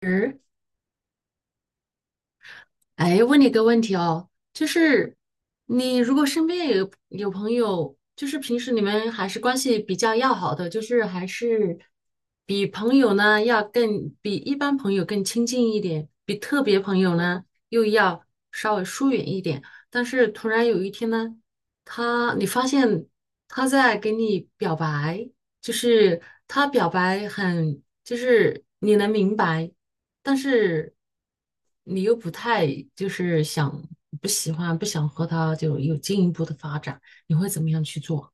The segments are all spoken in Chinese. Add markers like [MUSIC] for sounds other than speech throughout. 嗯，哎，问你一个问题哦，就是你如果身边有朋友，就是平时你们还是关系比较要好的，就是还是比朋友呢要更比一般朋友更亲近一点，比特别朋友呢又要稍微疏远一点。但是突然有一天呢，你发现他在给你表白，就是他表白很，就是你能明白。但是你又不太就是想不喜欢不想和他就有进一步的发展，你会怎么样去做？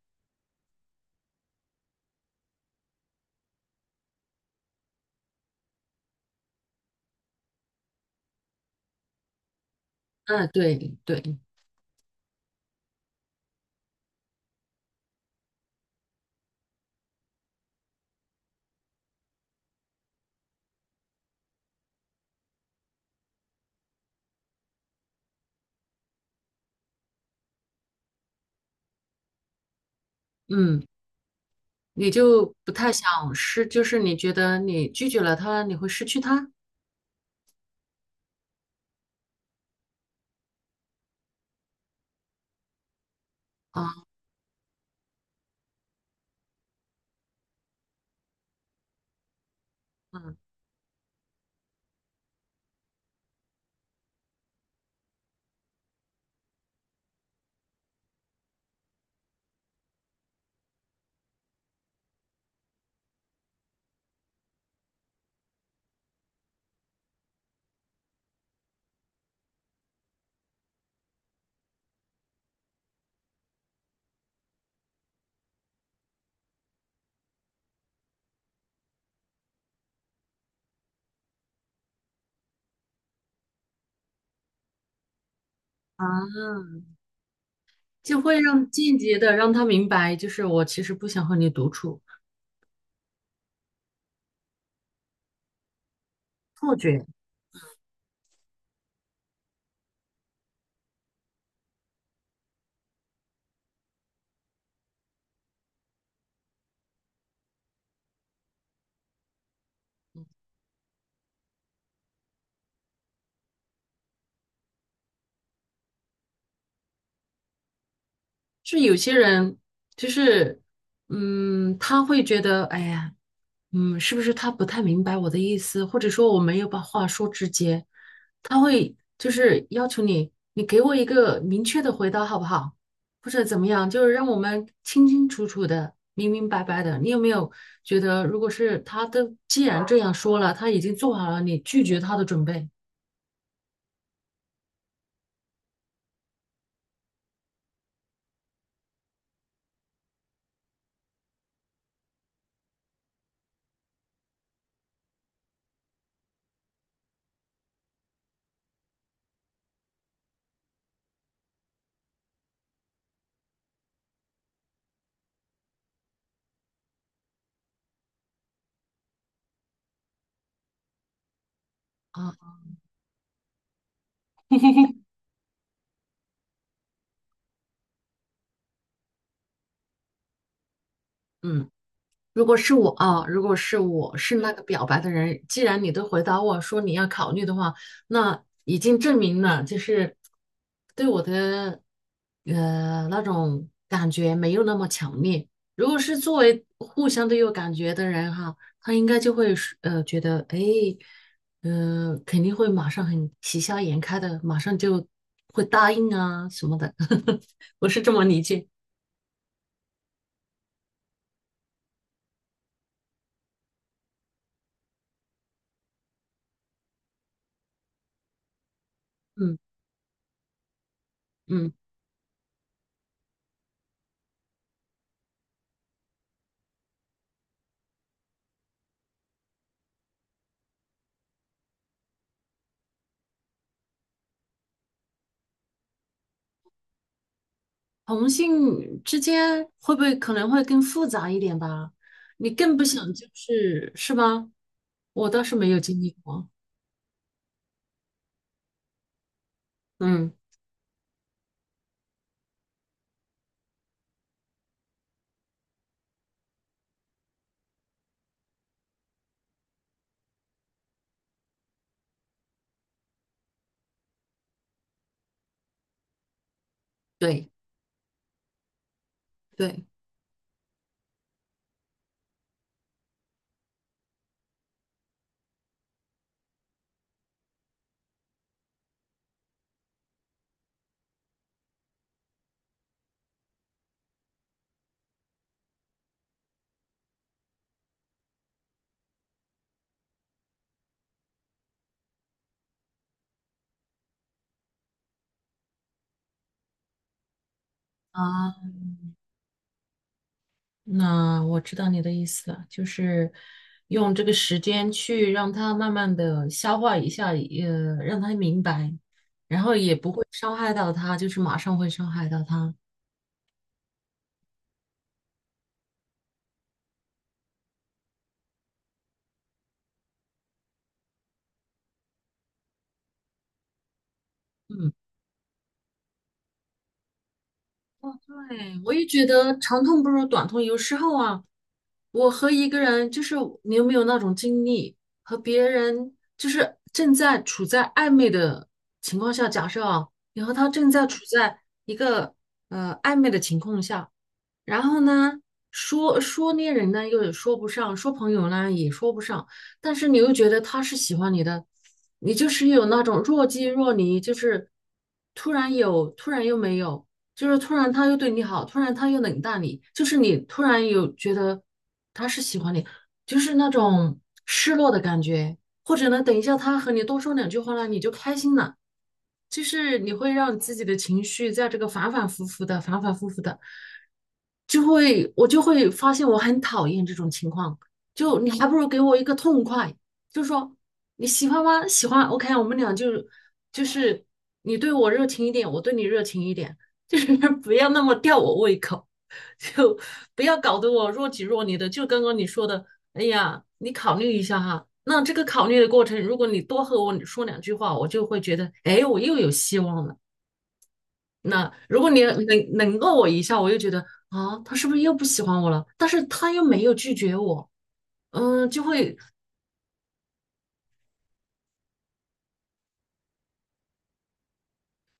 嗯，对对，嗯，你就不太想失，就是你觉得你拒绝了他，你会失去他啊。嗯啊，就会让间接的让他明白，就是我其实不想和你独处，错觉。就有些人就是，嗯，他会觉得，哎呀，嗯，是不是他不太明白我的意思，或者说我没有把话说直接，他会就是要求你，你给我一个明确的回答好不好，或者怎么样，就是让我们清清楚楚的、明明白白的。你有没有觉得，如果是他都既然这样说了，他已经做好了你拒绝他的准备啊？嗯。如果是我啊，如果是我是那个表白的人，既然你都回答我说你要考虑的话，那已经证明了就是对我的那种感觉没有那么强烈。如果是作为互相都有感觉的人哈，他应该就会是觉得哎，肯定会马上很喜笑颜开的，马上就会答应啊什么的。[LAUGHS] 我是这么理解，嗯嗯。同性之间会不会可能会更复杂一点吧？你更不想就是是吧？我倒是没有经历过。嗯，对对，啊，那我知道你的意思了，就是用这个时间去让他慢慢的消化一下，让他明白会伤害到他，就是马上会伤害到他。嗯。哦，对，我也觉得长痛不如短痛。有时候啊，我和一个人，就是你有没有那种经历，和别人就是正在处在暧昧的情况下，假设啊，你和他正在处在一个暧昧的情况下，然后呢，说说恋人呢，又说不上；说朋友呢，也说不上。但是你又觉得他是喜欢你的，你就是有那种若即若离，就是突然有，突然又没有，就是突然他又对你好，突然他又冷淡你，就是你突然有觉得他是喜欢你，就是那种失落的感觉。或者呢，等一下他和你多说两句话呢，你就开心了。就是你会让自己的情绪在这个反反复复的、反反复复的，就会我就会发现我很讨厌这种情况。就你还不如给我一个痛快，就说你喜欢吗？喜欢，OK,啊我们俩就就是你对我热情一点，我对你热情一点，就是 [LAUGHS] 不要那么吊我胃口。[LAUGHS] 就不要搞得我若即若离的。就刚刚你说的，哎呀，你考虑一下哈。那这个考虑的过程，如果你多和我说两句话，我就会觉得，哎，我又有希望了。那如果你冷落我一下，我又觉得啊，他是不是又不喜欢我了？但是他又没有拒绝我，嗯，就会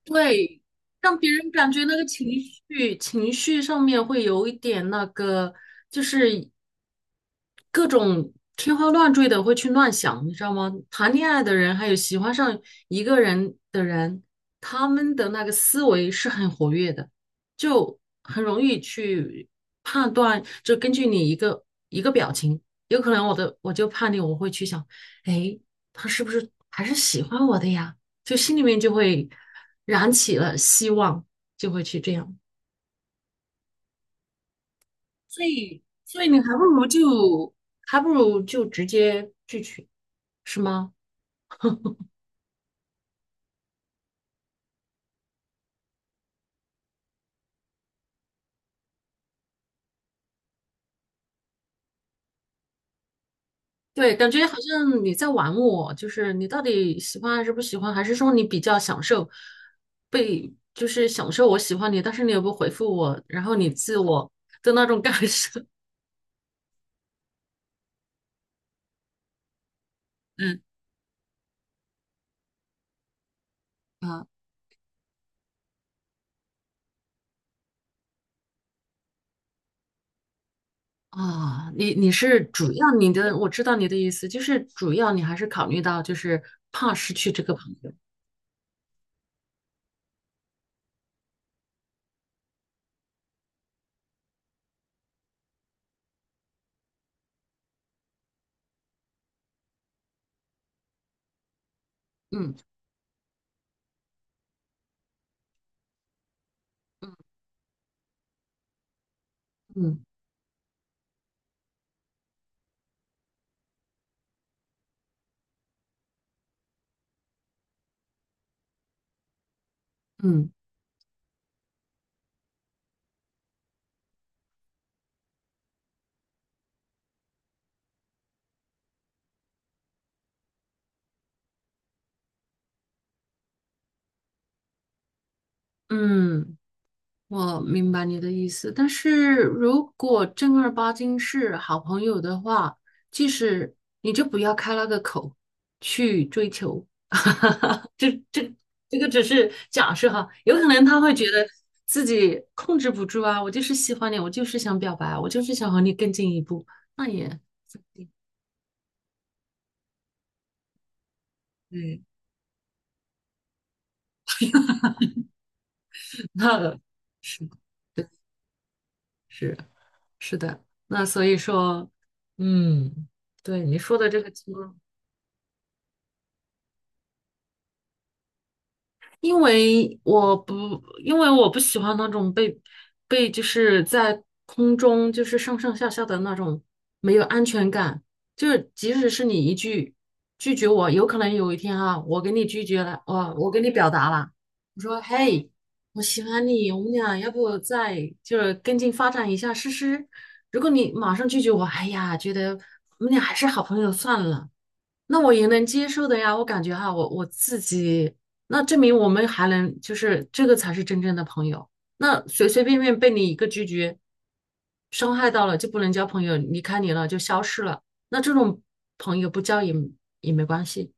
对让别人感觉那个情绪上面会有一点那个，就是各种天花乱坠的会去乱想，你知道吗？谈恋爱的人，还有喜欢上一个人的人，他们的那个思维是很活跃的，就很容易去判断，就根据你一个一个表情，有可能我的我就判定我会去想，哎，他是不是还是喜欢我的呀？就心里面就会燃起了希望，就会去这样。所以你还不如就还不如就直接拒绝，是吗？对，感觉好像你在玩我，就是你到底喜欢还是不喜欢，还是说你比较享受被，就是享受我喜欢你，但是你又不回复我，然后你自我的那种感受。[LAUGHS] 嗯啊。你你是主要你的，我知道你的意思，就是主要你还是考虑到就是怕失去这个朋友。嗯嗯嗯嗯。我明白你的意思，但是如果正儿八经是好朋友的话，即使你就不要开那个口去追求，这这这个只是假设哈，有可能他会觉得自己控制不住啊，我就是喜欢你，我就是想表白啊，我就是想和你更进一步，那也嗯，对，[LAUGHS] 那是是是的，那所以说，嗯，对你说的这个情况。因为我不喜欢那种被就是在空中就是上上下下的那种没有安全感，就是即使是你一句拒绝我，有可能有一天啊，我给你拒绝了，我给你表达了，我说嘿，我喜欢你，我们俩要不再就是跟进发展一下试试？如果你马上拒绝我，哎呀，觉得我们俩还是好朋友算了。那我也能接受的呀，我感觉哈，我我自己，那证明我们还能，就是这个才是真正的朋友。那随随便便被你一个拒绝，伤害到了就不能交朋友，离开你了就消失了。那这种朋友不交也也没关系，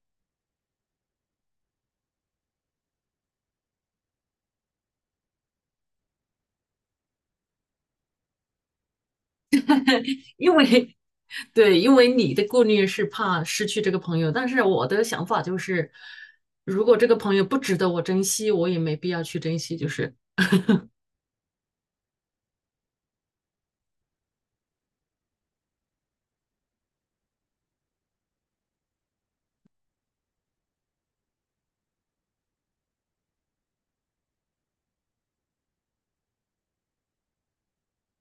因为 [LAUGHS] 对，因为你的顾虑是怕失去这个朋友，但是我的想法就是，如果这个朋友不值得我珍惜，我也没必要去珍惜，就是。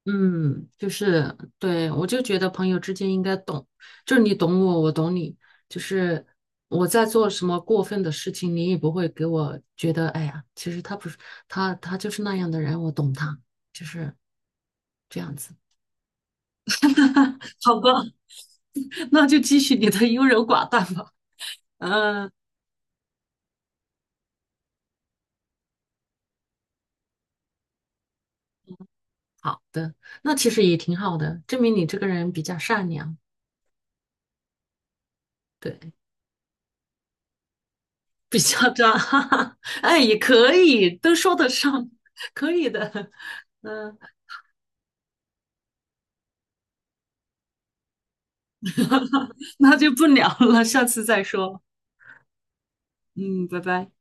嗯，就是对，我就觉得朋友之间应该懂，就是你懂我，我懂你，就是我在做什么过分的事情，你也不会给我觉得，哎呀，其实他不是他，他就是那样的人，我懂他，就是这样子。[LAUGHS] 好吧，[LAUGHS] 那就继续你的优柔寡断吧。嗯，好的，那其实也挺好的，证明你这个人比较善良。对，比较渣，[LAUGHS] 哈哈，哎，也可以，都说得上，可以的，嗯，那就不聊了，下次再说，嗯，拜拜。